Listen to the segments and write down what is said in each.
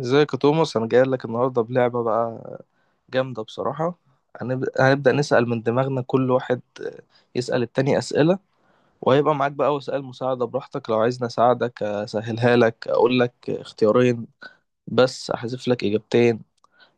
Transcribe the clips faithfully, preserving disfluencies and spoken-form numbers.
ازيك يا توماس؟ انا جاي لك النهارده بلعبه بقى، جامده بصراحه. هنب- هنبدا نسال من دماغنا، كل واحد آه، يسال التاني اسئله، وهيبقى معاك بقى وسائل مساعده براحتك، لو عايزني اساعدك اسهلها لك اقول لك اختيارين بس احذف لك اجابتين.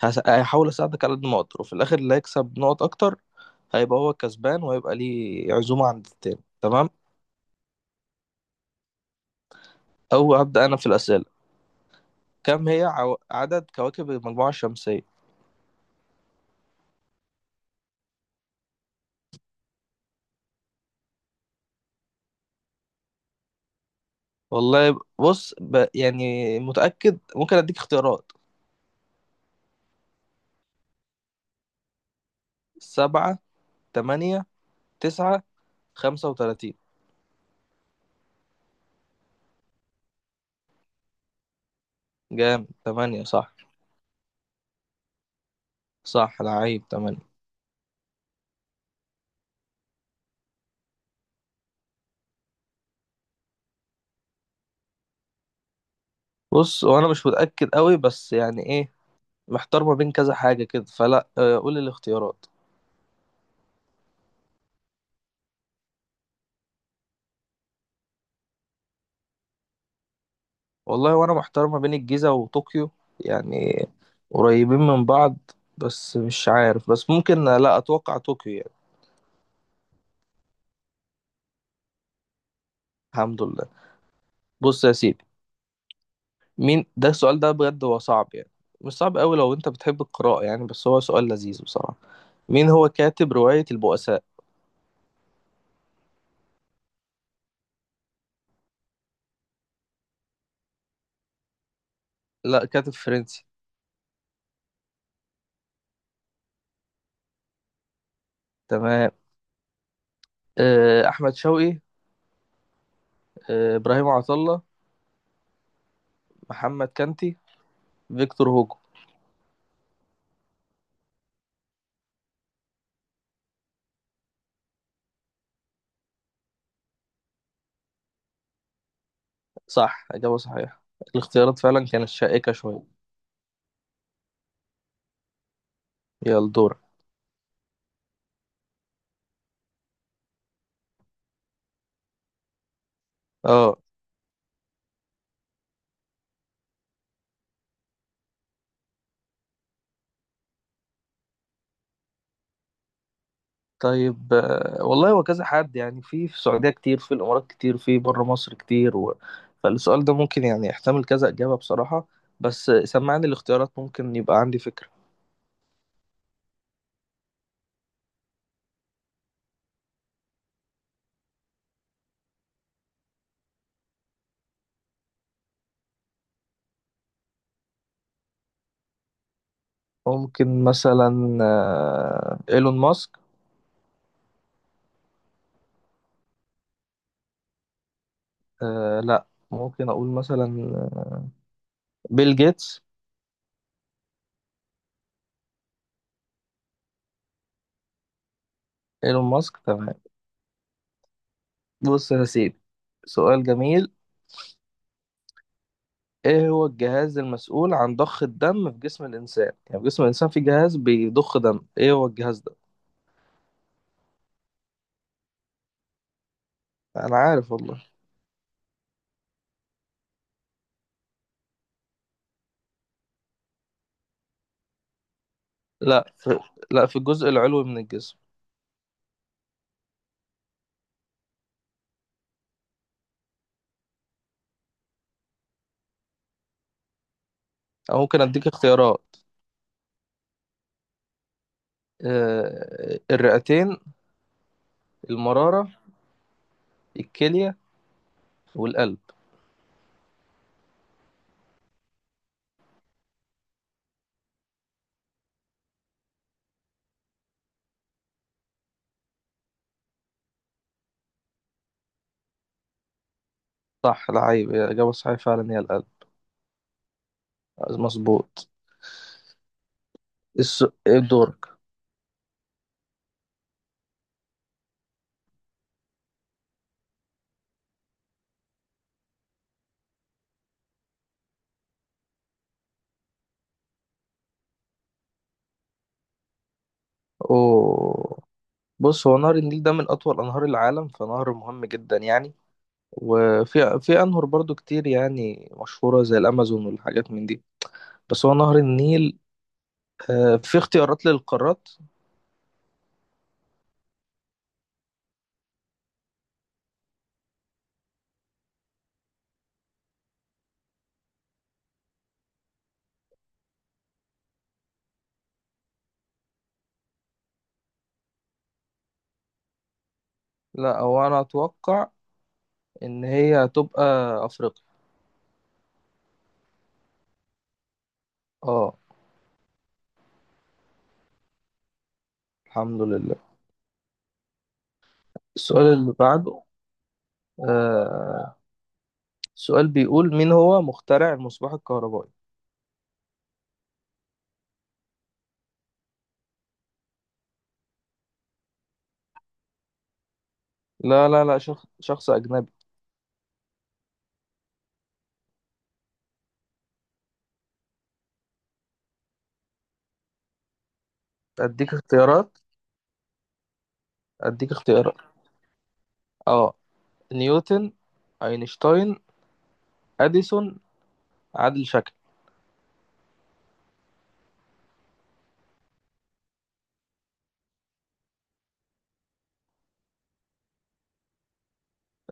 هس- هحاول اساعدك على قد ما اقدر، وفي الاخر اللي هيكسب نقط اكتر هيبقى هو الكسبان وهيبقى ليه عزومه عند التاني. تمام. او ابدا انا في الاسئله. كم هي عو- عدد كواكب المجموعه الشمسيه؟ والله بص ب... يعني متأكد؟ ممكن أديك اختيارات. سبعة، تمانية، تسعة، خمسة وتلاتين. جامد، تمانية صح. صح لعيب، تمانية. بص وأنا مش متأكد قوي، بس يعني إيه؟ محتار ما بين كذا حاجة كده، فلا آه، قول الاختيارات. والله وأنا محتار ما بين الجيزة وطوكيو يعني، قريبين من بعض. بس مش عارف، بس ممكن آه، لا، أتوقع طوكيو يعني. الحمد لله. بص يا سيدي، مين ده؟ السؤال ده بجد هو صعب يعني، مش صعب قوي لو انت بتحب القراءة يعني، بس هو سؤال لذيذ بصراحة. مين هو كاتب رواية البؤساء؟ لا، كاتب فرنسي. تمام. آه، أحمد شوقي، آه، إبراهيم عطلة، محمد كانتي، فيكتور هوجو. صح، إجابة صحيحة. الاختيارات فعلا كانت شائكة شوية. يلا دورك. آه. طيب، آه، والله هو كذا حد يعني، في في السعودية كتير، في الإمارات كتير، في بره مصر كتير و... فالسؤال ده ممكن يعني يحتمل كذا إجابة بصراحة. بس آه، سمعني الاختيارات ممكن يبقى عندي فكرة. ممكن مثلا آه، إيلون ماسك. آه، لا، ممكن أقول مثلا بيل جيتس. إيلون ماسك، تمام. بص يا سيدي، سؤال جميل. إيه هو الجهاز المسؤول عن ضخ الدم في جسم الإنسان؟ يعني في جسم الإنسان في جهاز بيضخ دم، إيه هو الجهاز ده؟ أنا عارف والله. لا في لا، في الجزء العلوي من الجسم. أو ممكن أديك اختيارات. آه، الرئتين، المرارة، الكلية، والقلب. صح العيب، الإجابة الصحيحة فعلا هي القلب. مظبوط. الس... دورك. أوه. بص هو نهر النيل ده من أطول أنهار العالم، فنهر مهم جدا يعني. وفي في أنهر برضو كتير يعني مشهورة زي الأمازون والحاجات من دي، بس هو نهر النيل. آه، في اختيارات للقارات. لا، هو أنا أتوقع إن هي هتبقى أفريقيا. اه، الحمد لله. السؤال اللي بعده، آه سؤال بيقول مين هو مخترع المصباح الكهربائي؟ لا لا لا، شخص شخص أجنبي. أديك اختيارات. أديك اختيارات. اه، نيوتن، أينشتاين، أديسون، عادل شكل.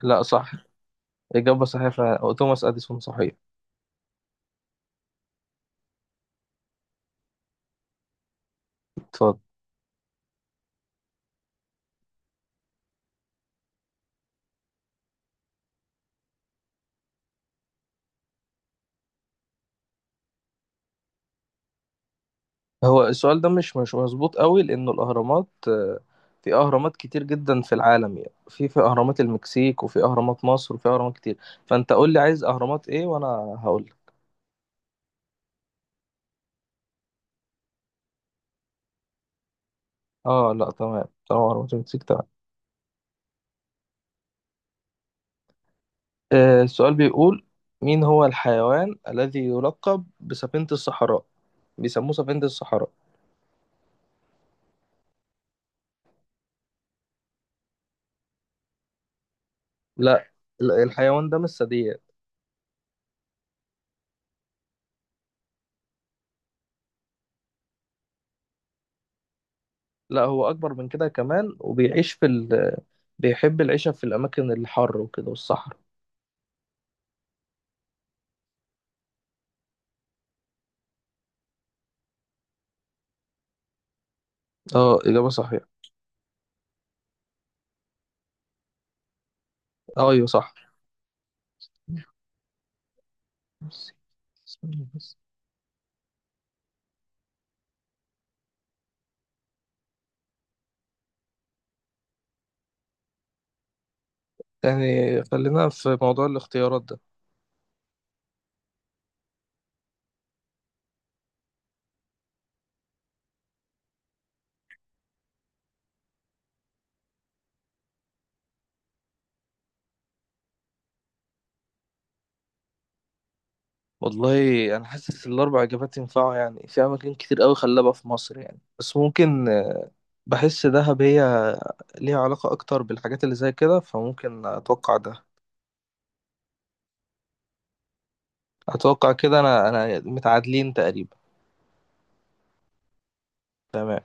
لا صح، إجابة صحيحة، توماس أديسون صحيح. اتفضل. هو السؤال ده مش مش مظبوط قوي، لأنه الأهرامات آه، في أهرامات كتير جدا في العالم يعني، في في أهرامات المكسيك، وفي أهرامات مصر، وفي أهرامات كتير. فأنت قول لي عايز أهرامات إيه وأنا هقول لك. آه لا، تمام تمام، أهرامات المكسيك، تمام. آه، السؤال بيقول مين هو الحيوان الذي يلقب بسفينة الصحراء؟ بيسموه سفينة الصحراء. لا، لا، الحيوان ده مش ثدييات. لا، هو أكبر من كده كمان، وبيعيش في ال... بيحب العيشة في الأماكن الحر وكده والصحراء. اه، إجابة صحيحة. ايوه صح. يعني خلينا في موضوع الاختيارات ده. والله انا حاسس الاربع اجابات ينفعوا، يعني في اماكن كتير قوي خلابه في مصر يعني، بس ممكن آه، بحس دهب هي ليها علاقه اكتر بالحاجات اللي زي كده، فممكن اتوقع ده. اتوقع كده انا انا متعادلين تقريبا. تمام.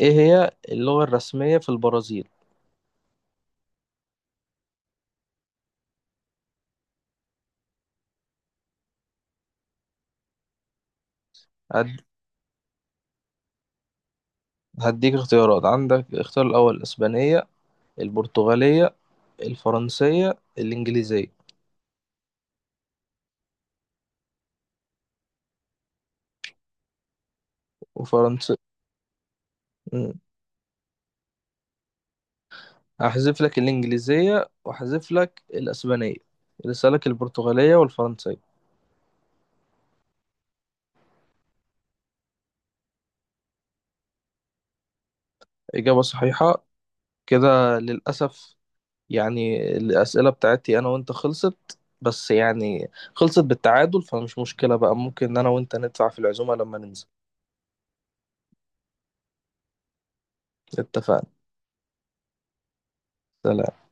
ايه هي اللغه الرسميه في البرازيل؟ هد- هديك اختيارات. عندك الاختيار الاول الاسبانيه، البرتغاليه، الفرنسيه، الانجليزيه. مم. هحذف لك الإنجليزية وأحذف لك الأسبانية، لسه لك البرتغالية والفرنسية. إجابة صحيحة. كده للأسف يعني الأسئلة بتاعتي أنا وأنت خلصت، بس يعني خلصت بالتعادل، فمش مشكلة بقى، ممكن أنا وأنت ندفع في العزومة لما ننزل. اتفقنا. سلام.